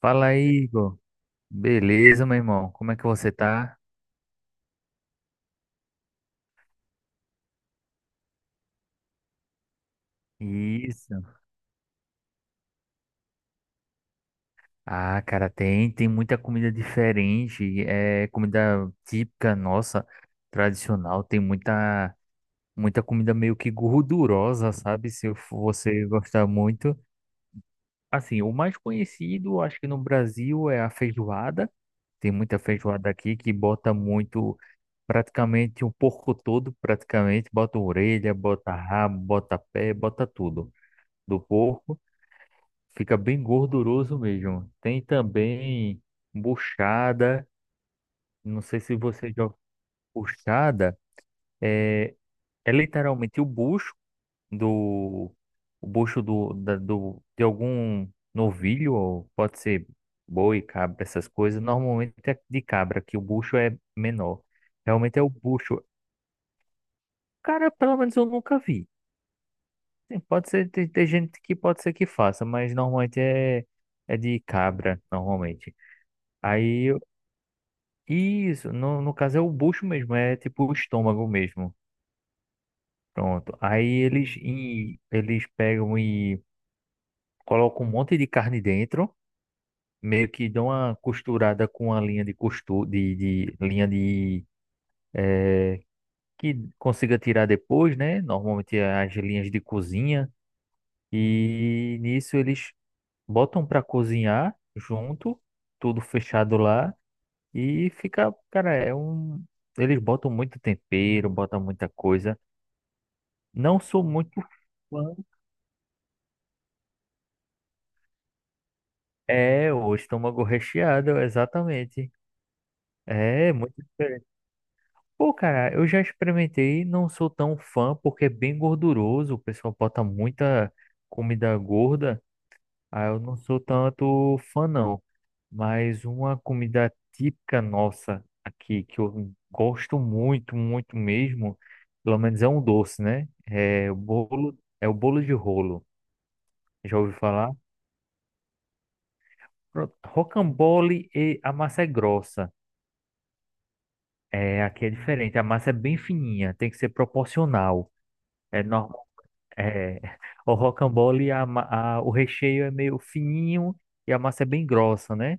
Fala aí, Igor. Beleza, meu irmão? Como é que você tá? Isso. Ah, cara, tem muita comida diferente. É comida típica nossa, tradicional. Muita comida meio que gordurosa, sabe? Se eu- Você gostar muito. Assim, o mais conhecido, acho que no Brasil, é a feijoada. Tem muita feijoada aqui que bota muito, praticamente um porco todo, praticamente. Bota orelha, bota rabo, bota pé, bota tudo. Do porco, fica bem gorduroso mesmo. Tem também buchada, não sei se você já. Buchada, é, é literalmente o bucho do, o bucho do de algum novilho, ou pode ser boi, cabra, essas coisas. Normalmente é de cabra, que o bucho é menor. Realmente é o bucho. Cara, pelo menos eu nunca vi. Sim, pode ser, tem, tem gente que pode ser que faça, mas normalmente é, é de cabra, normalmente. Aí, eu- isso, no caso é o bucho mesmo, é tipo o estômago mesmo. Pronto. Aí eles pegam e colocam um monte de carne dentro, meio que dão uma costurada com a linha de costura, de linha de eh, que consiga tirar depois, né? Normalmente é as linhas de cozinha. E nisso eles botam para cozinhar junto, tudo fechado lá. E fica, cara, é um. Eles botam muito tempero, botam muita coisa. Não sou muito fã. É, o estômago recheado, exatamente. É, muito diferente. Pô, cara, eu já experimentei, não sou tão fã, porque é bem gorduroso. O pessoal bota muita comida gorda. Aí eu não sou tanto fã, não. Mas uma comida típica nossa aqui, que eu gosto muito, muito mesmo, pelo menos é um doce, né? É o bolo de rolo. Já ouviu falar? Pronto, rocambole e a massa é grossa. É, aqui é diferente, a massa é bem fininha, tem que ser proporcional. É, normal, é, o rocambole, o recheio é meio fininho e a massa é bem grossa, né?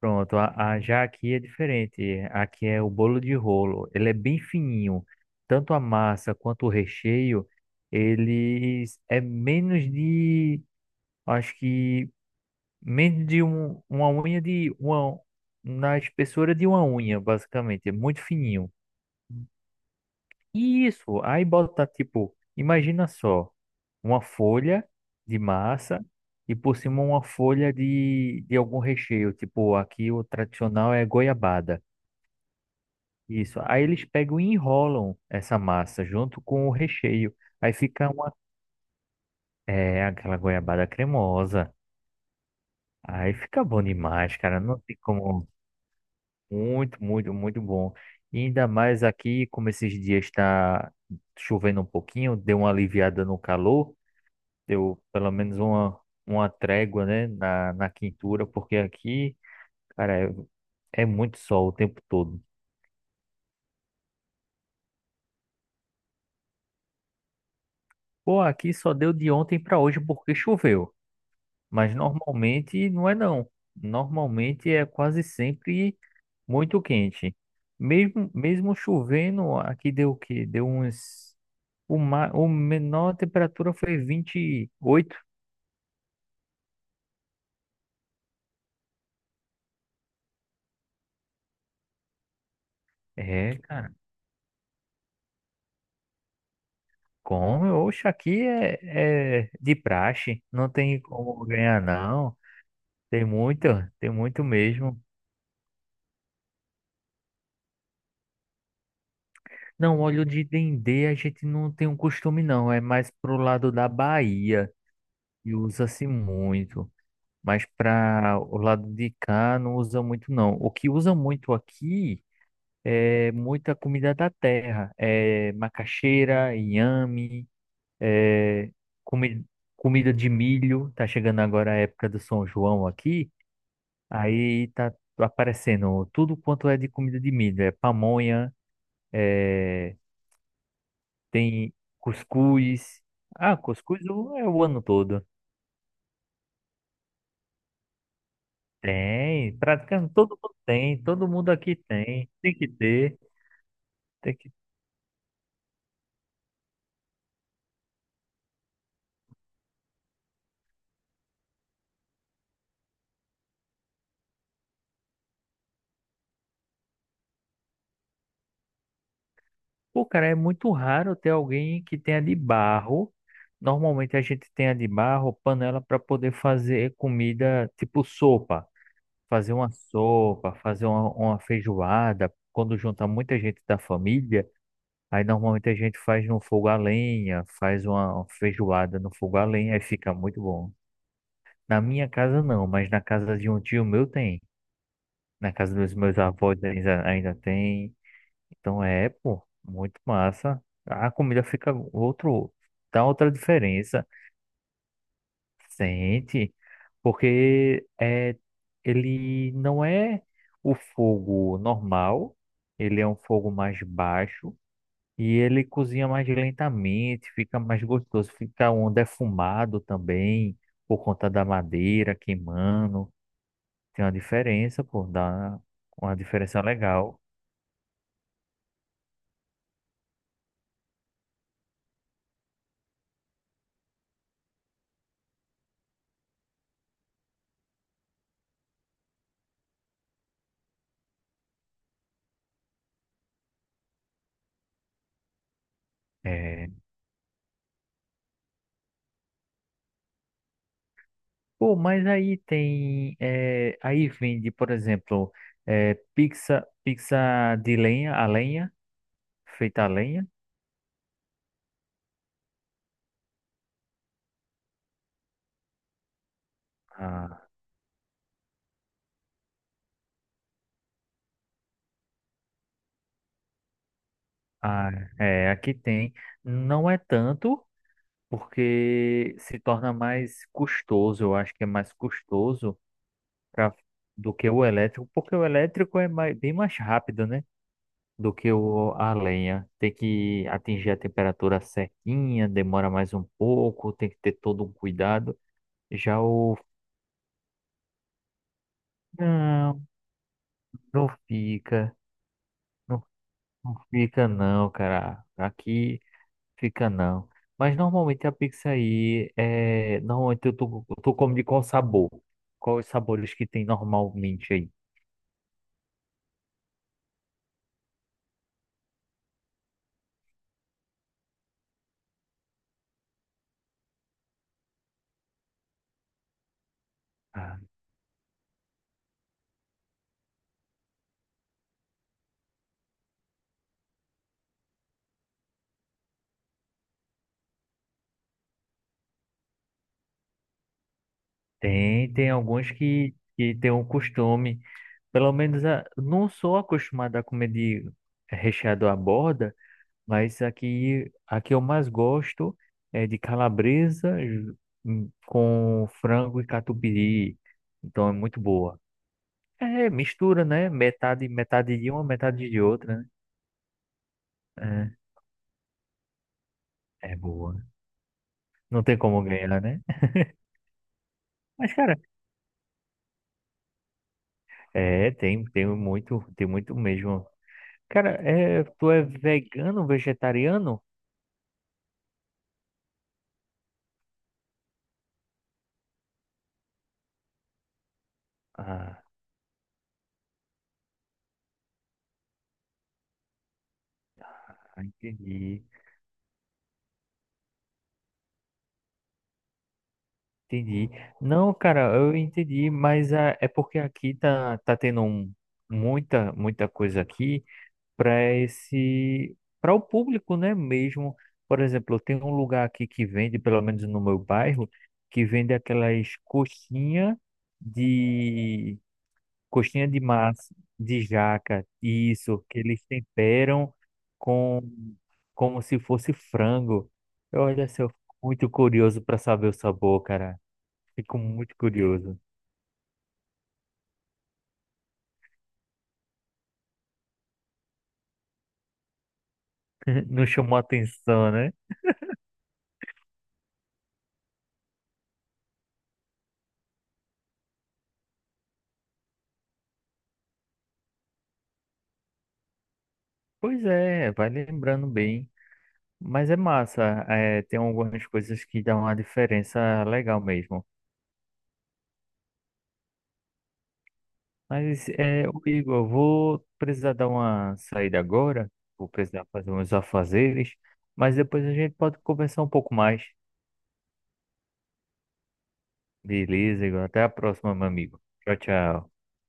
Pronto, já aqui é diferente. Aqui é o bolo de rolo. Ele é bem fininho. Tanto a massa quanto o recheio, eles é menos de, acho que uma unha de uma, na espessura de uma unha, basicamente. É muito fininho. E isso, aí bota tipo, imagina só, uma folha de massa e por cima uma folha de algum recheio. Tipo, aqui o tradicional é goiabada. Isso. Aí eles pegam e enrolam essa massa junto com o recheio. Aí fica uma, é, aquela goiabada cremosa. Aí fica bom demais, cara. Não tem como. Muito, muito, muito bom. E ainda mais aqui, como esses dias está chovendo um pouquinho, deu uma aliviada no calor, deu pelo menos uma trégua, né, na quintura, porque aqui, cara, é, é muito sol o tempo todo. Pô, aqui só deu de ontem para hoje porque choveu. Mas normalmente não é não. Normalmente é quase sempre muito quente. Mesmo, mesmo chovendo, aqui deu o quê? Deu uns. O menor temperatura foi 28. É, cara. Como? Oxe, aqui é, é de praxe. Não tem como ganhar, não. Tem muito, tem muito mesmo. Não, óleo de dendê a gente não tem um costume, não. É mais pro lado da Bahia e usa-se muito. Mas para o lado de cá não usa muito não. O que usa muito aqui é muita comida da terra, é macaxeira, inhame, é comi comida de milho. Tá chegando agora a época do São João aqui, aí tá aparecendo tudo quanto é de comida de milho, é pamonha, é, tem cuscuz. Ah, cuscuz é o ano todo. Tem, praticamente todo mundo tem, todo mundo aqui tem, tem que ter. Tem que... Pô, cara, é muito raro ter alguém que tenha de barro. Normalmente a gente tem a de barro, panela para poder fazer comida tipo sopa. Fazer uma sopa, fazer uma feijoada. Quando junta muita gente da família, aí normalmente a gente faz no fogo a lenha, faz uma feijoada no fogo a lenha, aí fica muito bom. Na minha casa não, mas na casa de um tio meu tem. Na casa dos meus avós ainda, ainda tem. Então é, pô, muito massa. A comida fica outro, dá outra diferença. Sente, porque é, ele não é o fogo normal, ele é um fogo mais baixo e ele cozinha mais lentamente, fica mais gostoso, fica um defumado também, por conta da madeira queimando. Tem uma diferença, pô, dá uma diferença legal. É. Pô, mas aí tem. É aí vende, por exemplo, é pizza, pizza de lenha, a lenha, feita a lenha. Ah, ah, É, aqui tem. Não é tanto, porque se torna mais custoso, eu acho que é mais custoso pra, do que o elétrico, porque o elétrico bem mais rápido, né? Do que o, a lenha. Tem que atingir a temperatura certinha, demora mais um pouco, tem que ter todo um cuidado. Já o. Não, não fica. Não, não fica não, cara. Aqui fica não. Mas normalmente a pizza aí é. Normalmente eu tô comendo de qual sabor? Quais os sabores que tem normalmente aí? Ah, tem, que tem um costume. Pelo menos a, não sou acostumado a comer de recheado à borda. Mas aqui eu mais gosto é de calabresa com frango e catupiry. Então é muito boa. É, mistura, né? Metade, metade de uma, metade de outra, né? É, é boa. Não tem como ganhar, né? Mas, cara, é, tem, tem muito mesmo. Cara, é, tu é vegano, vegetariano? Ah, entendi. Entendi. Não, cara, eu entendi, mas é porque aqui tá, muita, muita coisa aqui para o público, né, mesmo. Por exemplo, tem um lugar aqui que vende, pelo menos no meu bairro, que vende aquelas de, coxinha de massa, de jaca, isso, que eles temperam com, como se fosse frango. Olha, assim, eu fico muito curioso para saber o sabor, cara. Fico muito curioso. Não chamou atenção, né? Pois é, vai lembrando bem. Mas é massa, é, tem algumas coisas que dão uma diferença legal mesmo. Mas, é, ô Igor, eu vou precisar dar uma saída agora, vou precisar fazer uns afazeres, mas depois a gente pode conversar um pouco mais. Beleza, Igor, até a próxima, meu amigo. Tchau, tchau.